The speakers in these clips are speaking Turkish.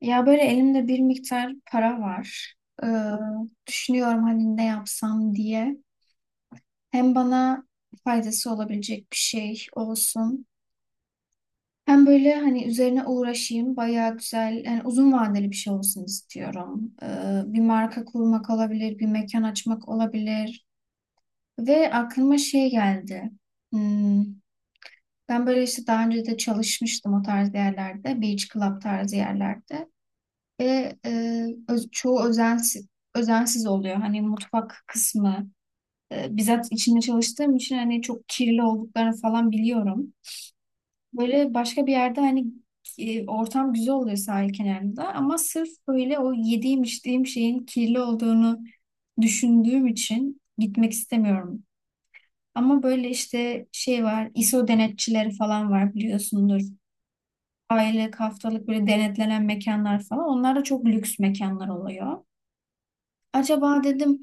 Ya böyle elimde bir miktar para var. Ee, düşünüyorum hani ne yapsam diye. Hem bana faydası olabilecek bir şey olsun. Hem böyle hani üzerine uğraşayım. Bayağı güzel, yani uzun vadeli bir şey olsun istiyorum. Bir marka kurmak olabilir, bir mekan açmak olabilir. Ve aklıma şey geldi. Hmm, ben böyle işte daha önce de çalışmıştım o tarz yerlerde. Beach Club tarzı yerlerde. Ve çoğu özensiz oluyor. Hani mutfak kısmı bizzat içinde çalıştığım için hani çok kirli olduklarını falan biliyorum. Böyle başka bir yerde hani ortam güzel oluyor sahil kenarında ama sırf böyle o yediğim içtiğim şeyin kirli olduğunu düşündüğüm için gitmek istemiyorum. Ama böyle işte şey var, ISO denetçileri falan var biliyorsundur. Aylık, haftalık böyle denetlenen mekanlar falan. Onlar da çok lüks mekanlar oluyor. Acaba dedim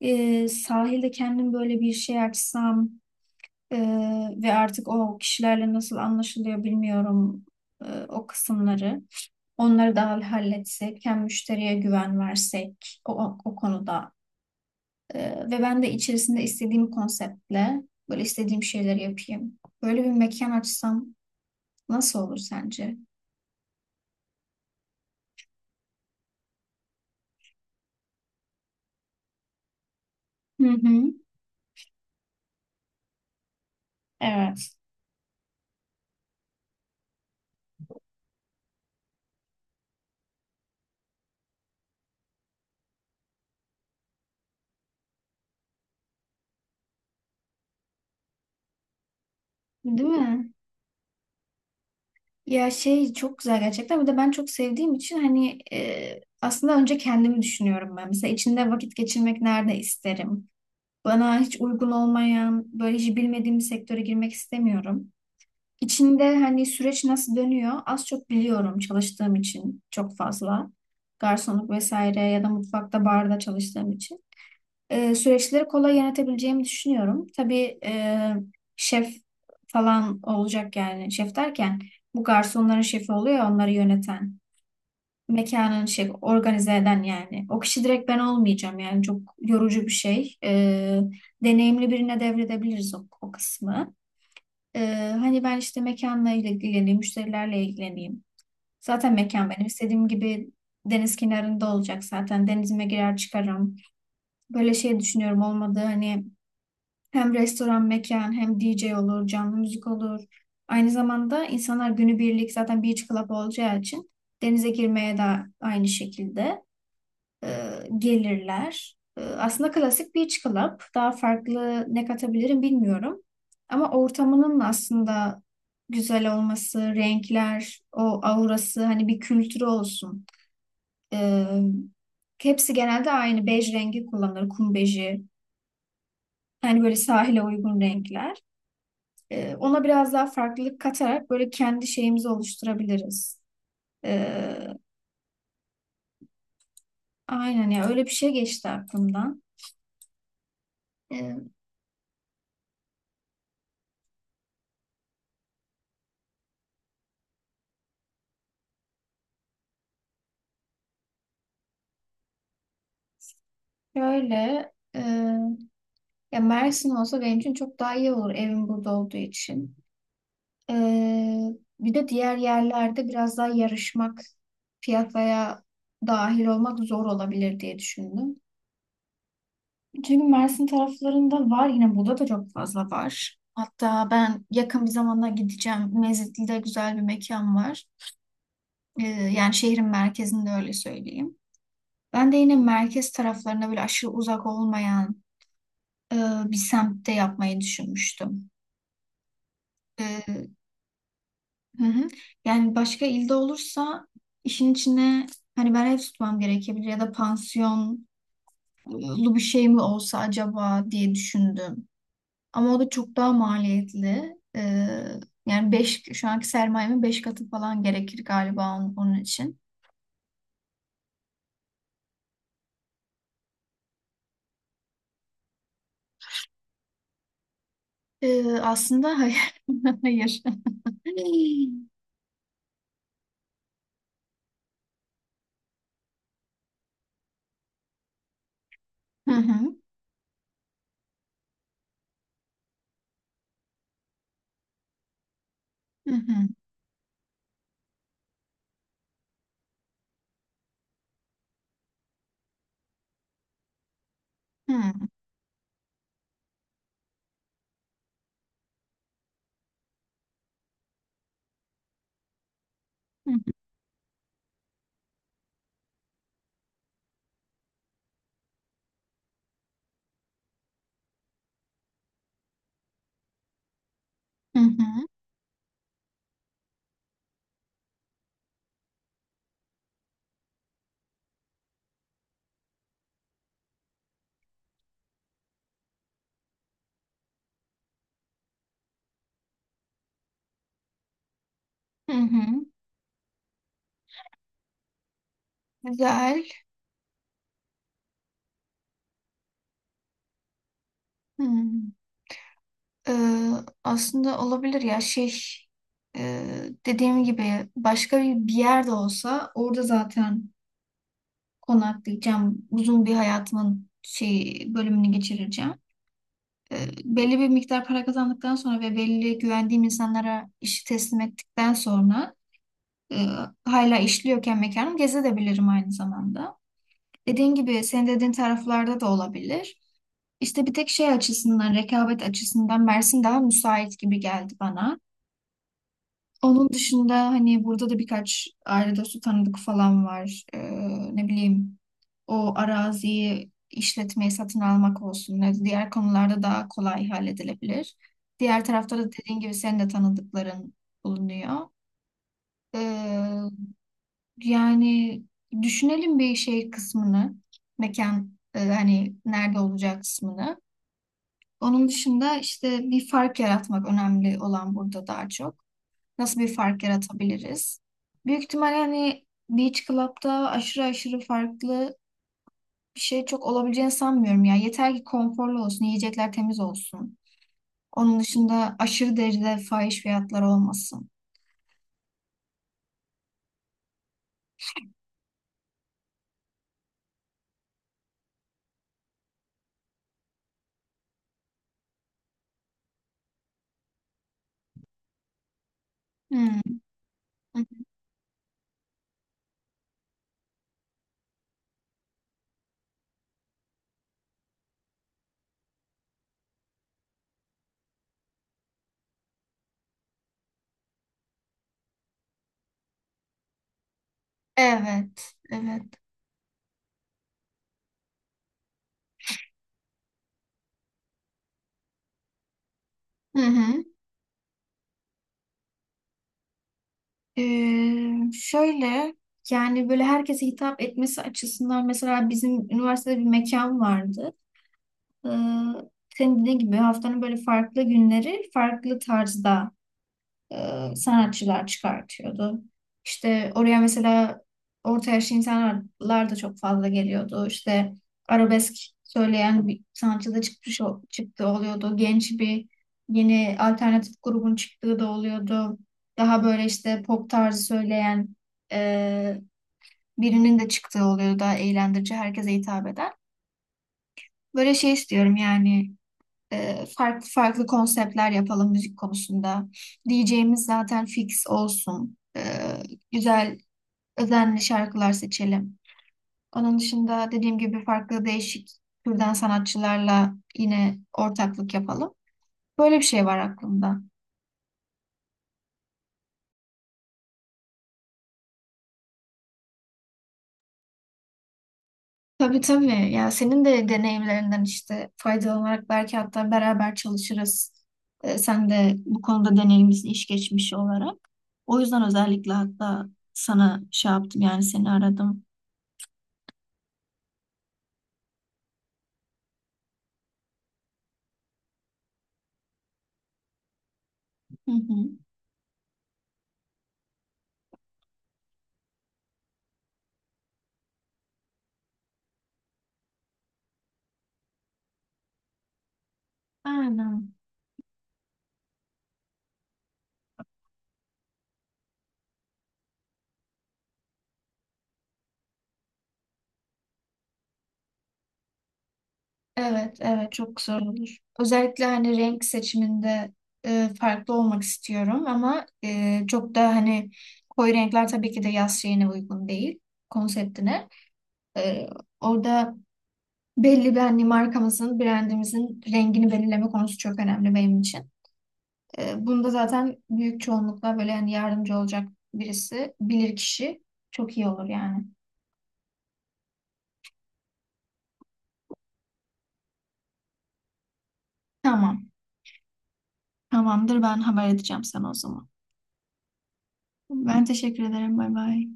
sahilde kendim böyle bir şey açsam e, ve artık o kişilerle nasıl anlaşılıyor bilmiyorum o kısımları. Onları da halletsek, hem müşteriye güven versek o konuda. E, ve ben de içerisinde istediğim konseptle böyle istediğim şeyleri yapayım. Böyle bir mekan açsam nasıl olur sence? Hı hı. Evet, değil mi? Ya şey çok güzel gerçekten. Bir de ben çok sevdiğim için hani aslında önce kendimi düşünüyorum ben. Mesela içinde vakit geçirmek nerede isterim? Bana hiç uygun olmayan, böyle hiç bilmediğim bir sektöre girmek istemiyorum. İçinde hani süreç nasıl dönüyor az çok biliyorum çalıştığım için çok fazla. Garsonluk vesaire ya da mutfakta barda çalıştığım için süreçleri kolay yönetebileceğimi düşünüyorum. Tabii şef falan olacak yani şef derken bu garsonların şefi oluyor ya onları yöneten. Mekanın şefi, organize eden yani. O kişi direkt ben olmayacağım yani çok yorucu bir şey. Deneyimli birine devredebiliriz o kısmı. E, hani ben işte mekanla ilgileneyim, müşterilerle ilgileneyim. Zaten mekan benim istediğim gibi deniz kenarında olacak zaten. Denizime girer çıkarım. Böyle şey düşünüyorum olmadı hani hem restoran, mekan, hem D J olur, canlı müzik olur. Aynı zamanda insanlar günübirlik zaten beach club olacağı için denize girmeye de aynı şekilde e, gelirler. Aslında klasik beach club. Daha farklı ne katabilirim bilmiyorum. Ama ortamının aslında güzel olması, renkler, o aurası, hani bir kültürü olsun. E, hepsi genelde aynı bej rengi kullanılır, kum beji. Yani böyle sahile uygun renkler. Ona biraz daha farklılık katarak böyle kendi şeyimizi oluşturabiliriz. E, aynen ya öyle bir şey geçti aklımdan. E, şöyle, ya Mersin olsa benim için çok daha iyi olur evim burada olduğu için. E, bir de diğer yerlerde biraz daha yarışmak, piyasaya dahil olmak zor olabilir diye düşündüm. Çünkü Mersin taraflarında var yine burada da çok fazla var. Hatta ben yakın bir zamanda gideceğim. Mezitli'de güzel bir mekan var. Yani şehrin merkezinde öyle söyleyeyim. Ben de yine merkez taraflarına böyle aşırı uzak olmayan e, bir semtte yapmayı düşünmüştüm. Ee, hı hı. Yani başka ilde olursa işin içine hani ben ev tutmam gerekebilir ya da pansiyonlu bir şey mi olsa acaba diye düşündüm. Ama o da çok daha maliyetli. Yani şu anki sermayemin beş katı falan gerekir galiba onun için. Aslında hayır. Hayır. Hı hı, hı hı, hı hı, hı hı, hı hı. Güzel. Hı. Ee, aslında olabilir ya şey dediğim gibi başka bir yerde olsa orada zaten konaklayacağım. Uzun bir hayatımın şey bölümünü geçireceğim. Belli bir miktar para kazandıktan sonra ve belli güvendiğim insanlara işi teslim ettikten sonra e, hala işliyorken mekanım gezebilirim aynı zamanda. Dediğin gibi senin dediğin taraflarda da olabilir. İşte bir tek şey açısından, rekabet açısından Mersin daha müsait gibi geldi bana. Onun dışında hani burada da birkaç aile dostu tanıdık falan var. Ne bileyim o araziyi işletmeyi satın almak olsun. Diğer konularda daha kolay halledilebilir. Diğer tarafta da dediğin gibi senin de tanıdıkların bulunuyor. Ee, yani düşünelim bir şey kısmını. Mekan hani nerede olacak kısmını. Onun dışında işte bir fark yaratmak önemli olan burada daha çok. Nasıl bir fark yaratabiliriz? Büyük ihtimal hani Beach Club'da aşırı aşırı farklı bir şey çok olabileceğini sanmıyorum ya. Yeter ki konforlu olsun, yiyecekler temiz olsun. Onun dışında aşırı derecede fahiş fiyatlar olmasın. Hmm. Evet, evet. Hı hı. Şöyle, yani böyle herkese hitap etmesi açısından mesela bizim üniversitede bir mekan vardı. Ee, senin dediğin gibi haftanın böyle farklı günleri farklı tarzda sanatçılar çıkartıyordu. İşte oraya mesela orta yaşlı insanlar da çok fazla geliyordu. İşte arabesk söyleyen bir sanatçı da çıktı oluyordu. Genç bir yeni alternatif grubun çıktığı da oluyordu. Daha böyle işte pop tarzı söyleyen e, birinin de çıktığı oluyordu. Daha eğlendirici, herkese hitap eden. Böyle şey istiyorum yani farklı farklı konseptler yapalım müzik konusunda. DJ'miz zaten fix olsun. Güzel, özenli şarkılar seçelim. Onun dışında dediğim gibi farklı değişik türden sanatçılarla yine ortaklık yapalım. Böyle bir şey var aklımda. Tabii tabii. Ya senin de deneyimlerinden işte faydalanarak belki hatta beraber çalışırız. Sen de bu konuda deneyimlisin iş geçmişi olarak. O yüzden özellikle hatta sana şey yaptım yani seni aradım. Hı hı. Aynen. Evet, evet çok zor olur. Özellikle hani renk seçiminde farklı olmak istiyorum ama çok da hani koyu renkler tabii ki de yaz şeyine uygun değil konseptine. E, orada belli bir hani markamızın, brandimizin rengini belirleme konusu çok önemli benim için. Bunda zaten büyük çoğunlukla böyle hani yardımcı olacak birisi, bilir kişi çok iyi olur yani. Tamam, tamamdır ben haber edeceğim sana o zaman. Ben teşekkür ederim. Bay bay.